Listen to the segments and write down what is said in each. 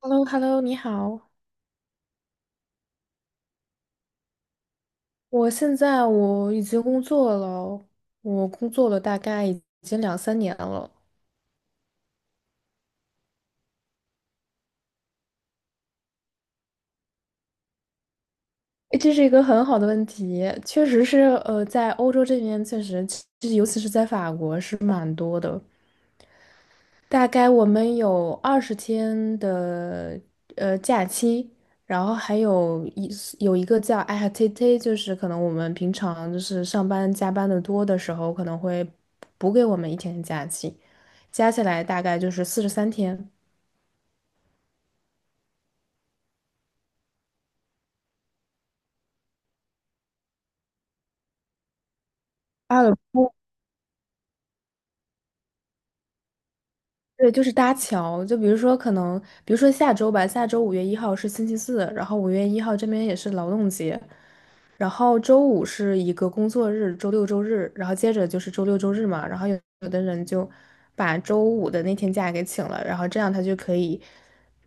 Hello Hello 你好。我现在我已经工作了，我工作了大概已经两三年了。诶，这是一个很好的问题，确实是，在欧洲这边确实，就是尤其是在法国是蛮多的。大概我们有20天的假期，然后还有一个叫 IHTT， 就是可能我们平常就是上班加班的多的时候，可能会补给我们一天的假期，加起来大概就是43天。阿尔对，就是搭桥。就比如说可能，比如说下周吧，下周五月一号是星期四，然后五月一号这边也是劳动节，然后周五是一个工作日，周六周日，然后接着就是周六周日嘛，然后有的人就把周五的那天假给请了，然后这样他就可以，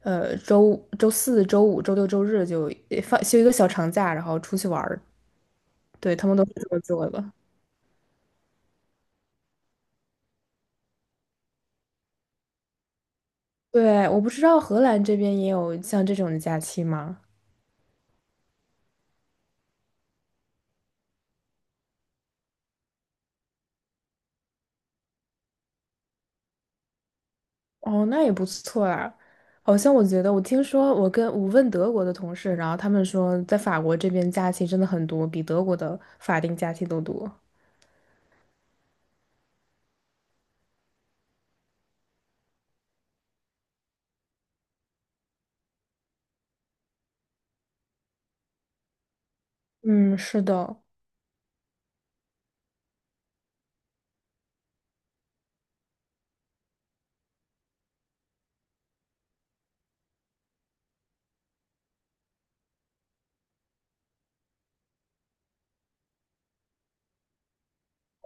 周四周五周六周日就放休一个小长假，然后出去玩儿。对，他们都是这么做的。对，我不知道荷兰这边也有像这种的假期吗？哦，那也不错啊。好像我觉得，我听说我问德国的同事，然后他们说，在法国这边假期真的很多，比德国的法定假期都多。嗯，是的。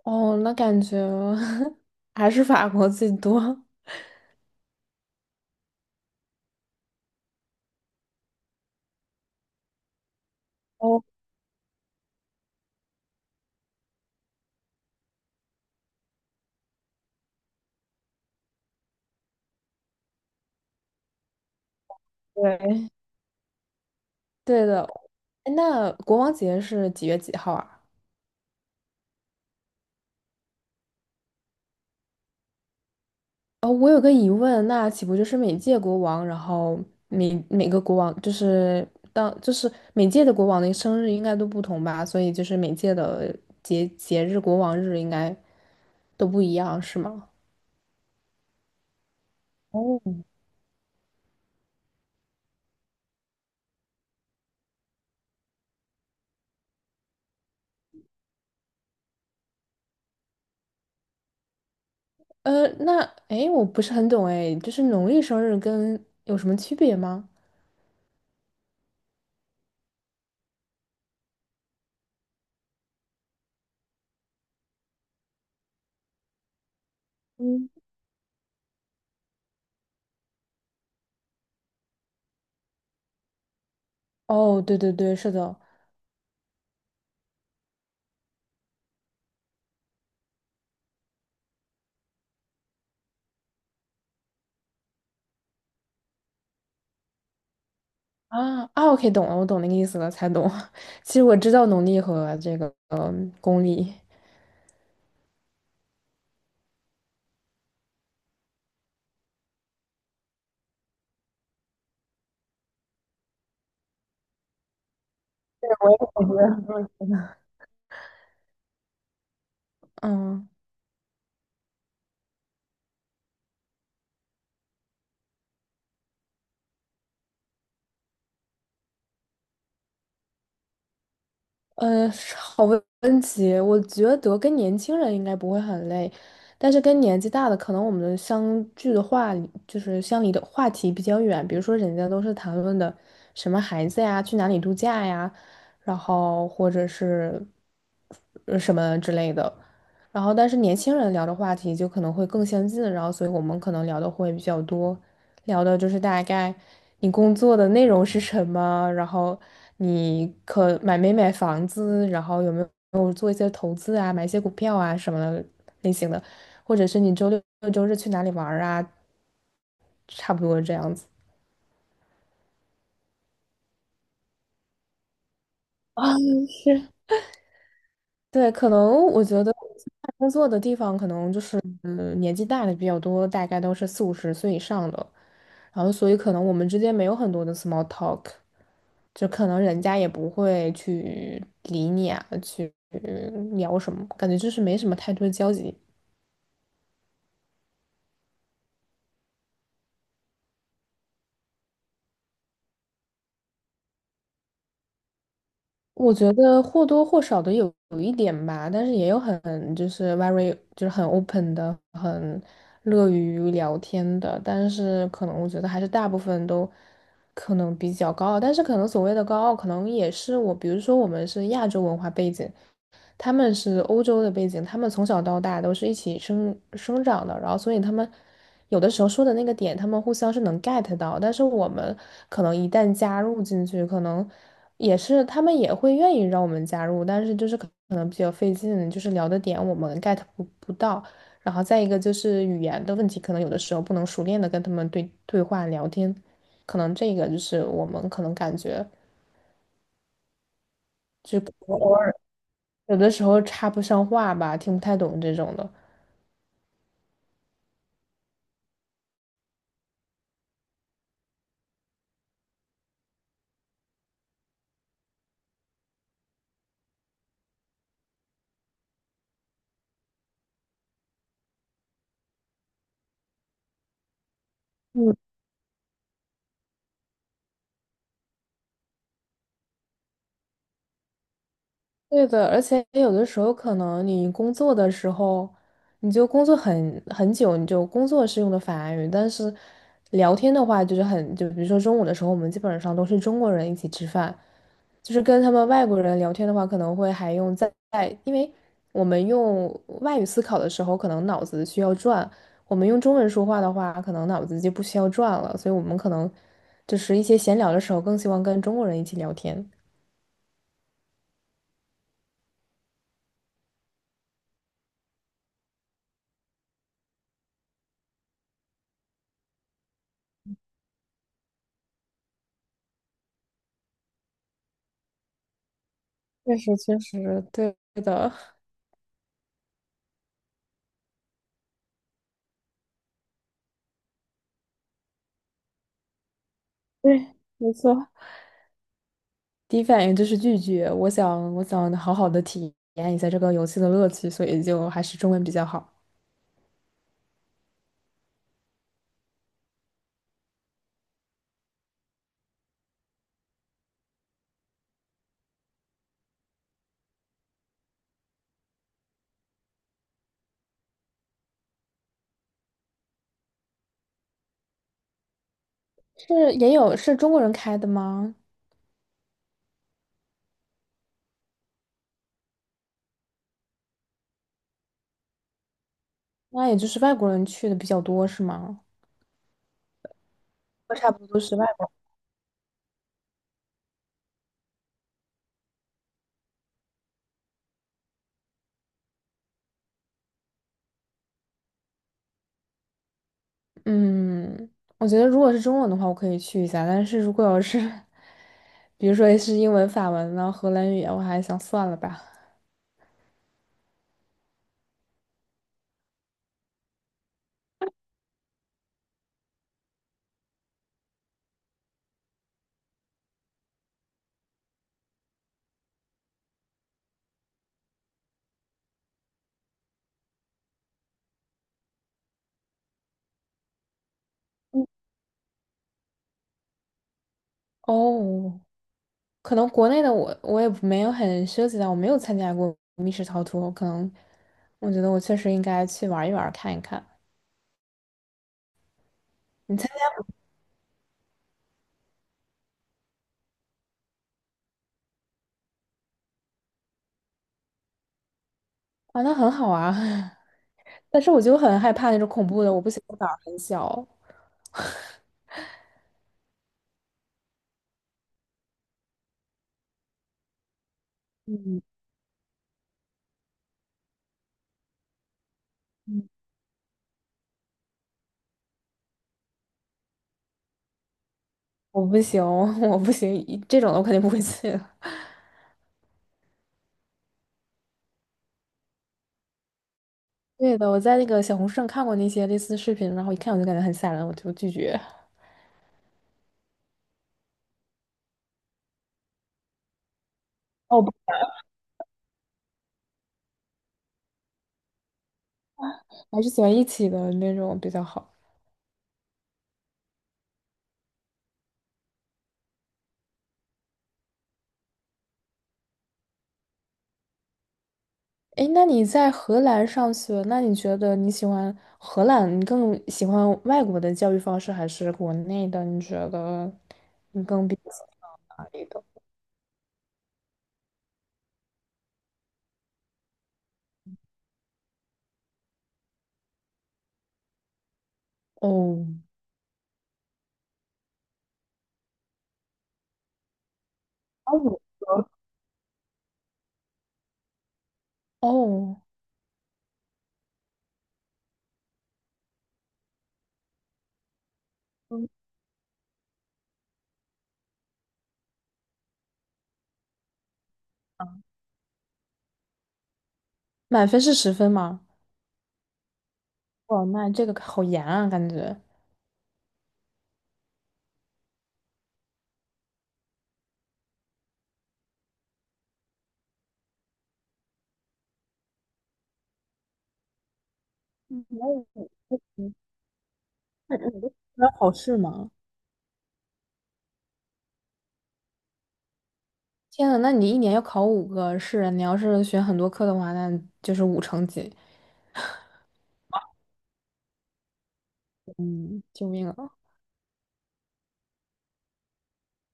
哦，那感觉 还是法国最多。哦，对，对的。哎，那国王节是几月几号啊？哦，我有个疑问，那岂不就是每届国王，然后每个国王就是当就是每届的国王的生日应该都不同吧？所以就是每届的节日国王日应该都不一样，是吗？哦，呃，那诶，我不是很懂诶，就是农历生日跟有什么区别吗？嗯，哦，对对对，是的。啊啊，OK,懂了，我懂那个意思了，才懂。其实我知道农历和这个公历，嗯。嗯，好问题，我觉得跟年轻人应该不会很累，但是跟年纪大的，可能我们相聚的话，就是相离的话题比较远，比如说人家都是谈论的什么孩子呀，去哪里度假呀，然后或者是什么之类的，然后但是年轻人聊的话题就可能会更相近，然后所以我们可能聊的会比较多。聊的就是大概你工作的内容是什么，然后你可买没买房子，然后有没有做一些投资啊，买一些股票啊什么的类型的，或者是你周六周日去哪里玩儿啊，差不多这样子。啊，是，对，可能我觉得我现在工作的地方可能就是，嗯，年纪大的比较多，大概都是四五十岁以上的，然后所以可能我们之间没有很多的 small talk,就可能人家也不会去理你啊，去聊什么，感觉就是没什么太多的交集。我觉得或多或少的有一点吧，但是也有很就是 very 就是很 open 的，很乐于聊天的，但是可能我觉得还是大部分都可能比较高傲，但是可能所谓的高傲，可能也是我，比如说我们是亚洲文化背景，他们是欧洲的背景，他们从小到大都是一起生长的，然后所以他们有的时候说的那个点，他们互相是能 get 到，但是我们可能一旦加入进去，可能也是他们也会愿意让我们加入，但是就是可能比较费劲，就是聊的点我们 get 不到，然后再一个就是语言的问题，可能有的时候不能熟练的跟他们对话聊天，可能这个就是我们可能感觉就有的时候插不上话吧，听不太懂这种的。嗯。对的，而且有的时候可能你工作的时候，你就工作很久，你就工作是用的法语，但是聊天的话就是很，就比如说中午的时候，我们基本上都是中国人一起吃饭，就是跟他们外国人聊天的话，可能会还用在，因为我们用外语思考的时候，可能脑子需要转，我们用中文说话的话，可能脑子就不需要转了，所以我们可能就是一些闲聊的时候，更希望跟中国人一起聊天。确实，确实，对的。对，没错。第一反应就是拒绝。我想，我想好好的体验一下这个游戏的乐趣，所以就还是中文比较好。是也有是中国人开的吗？那也就是外国人去的比较多，是吗？我差不多都是外国人，嗯，我觉得如果是中文的话，我可以去一下。但是如果要是，比如说是英文、法文呢、荷兰语啊我还想算了吧。嗯，哦，可能国内的我也没有很涉及到，我没有参加过密室逃脱，可能我觉得我确实应该去玩一玩看一看。你参加啊，那很好啊，但是我就很害怕那种恐怖的，我不行，我胆儿很小，嗯，我不行，我不行，这种的我肯定不会去的。 对的，我在那个小红书上看过那些类似的视频，然后一看我就感觉很吓人，我就拒绝。哦，我还是喜欢一起的那种比较好。诶，那你在荷兰上学，那你觉得你喜欢荷兰，你更喜欢外国的教育方式还是国内的？你觉得你更比较喜欢哪里的？哦，啊，我哦，嗯，啊，满分是10分吗？哇，那这个好严啊，感觉。那考试吗？天呐，那你一年要考五个试，你要是选很多课的话，那就是五成几。嗯，救命啊！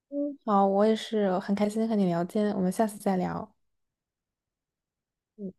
嗯，好，我也是很开心和你聊天，我们下次再聊。嗯。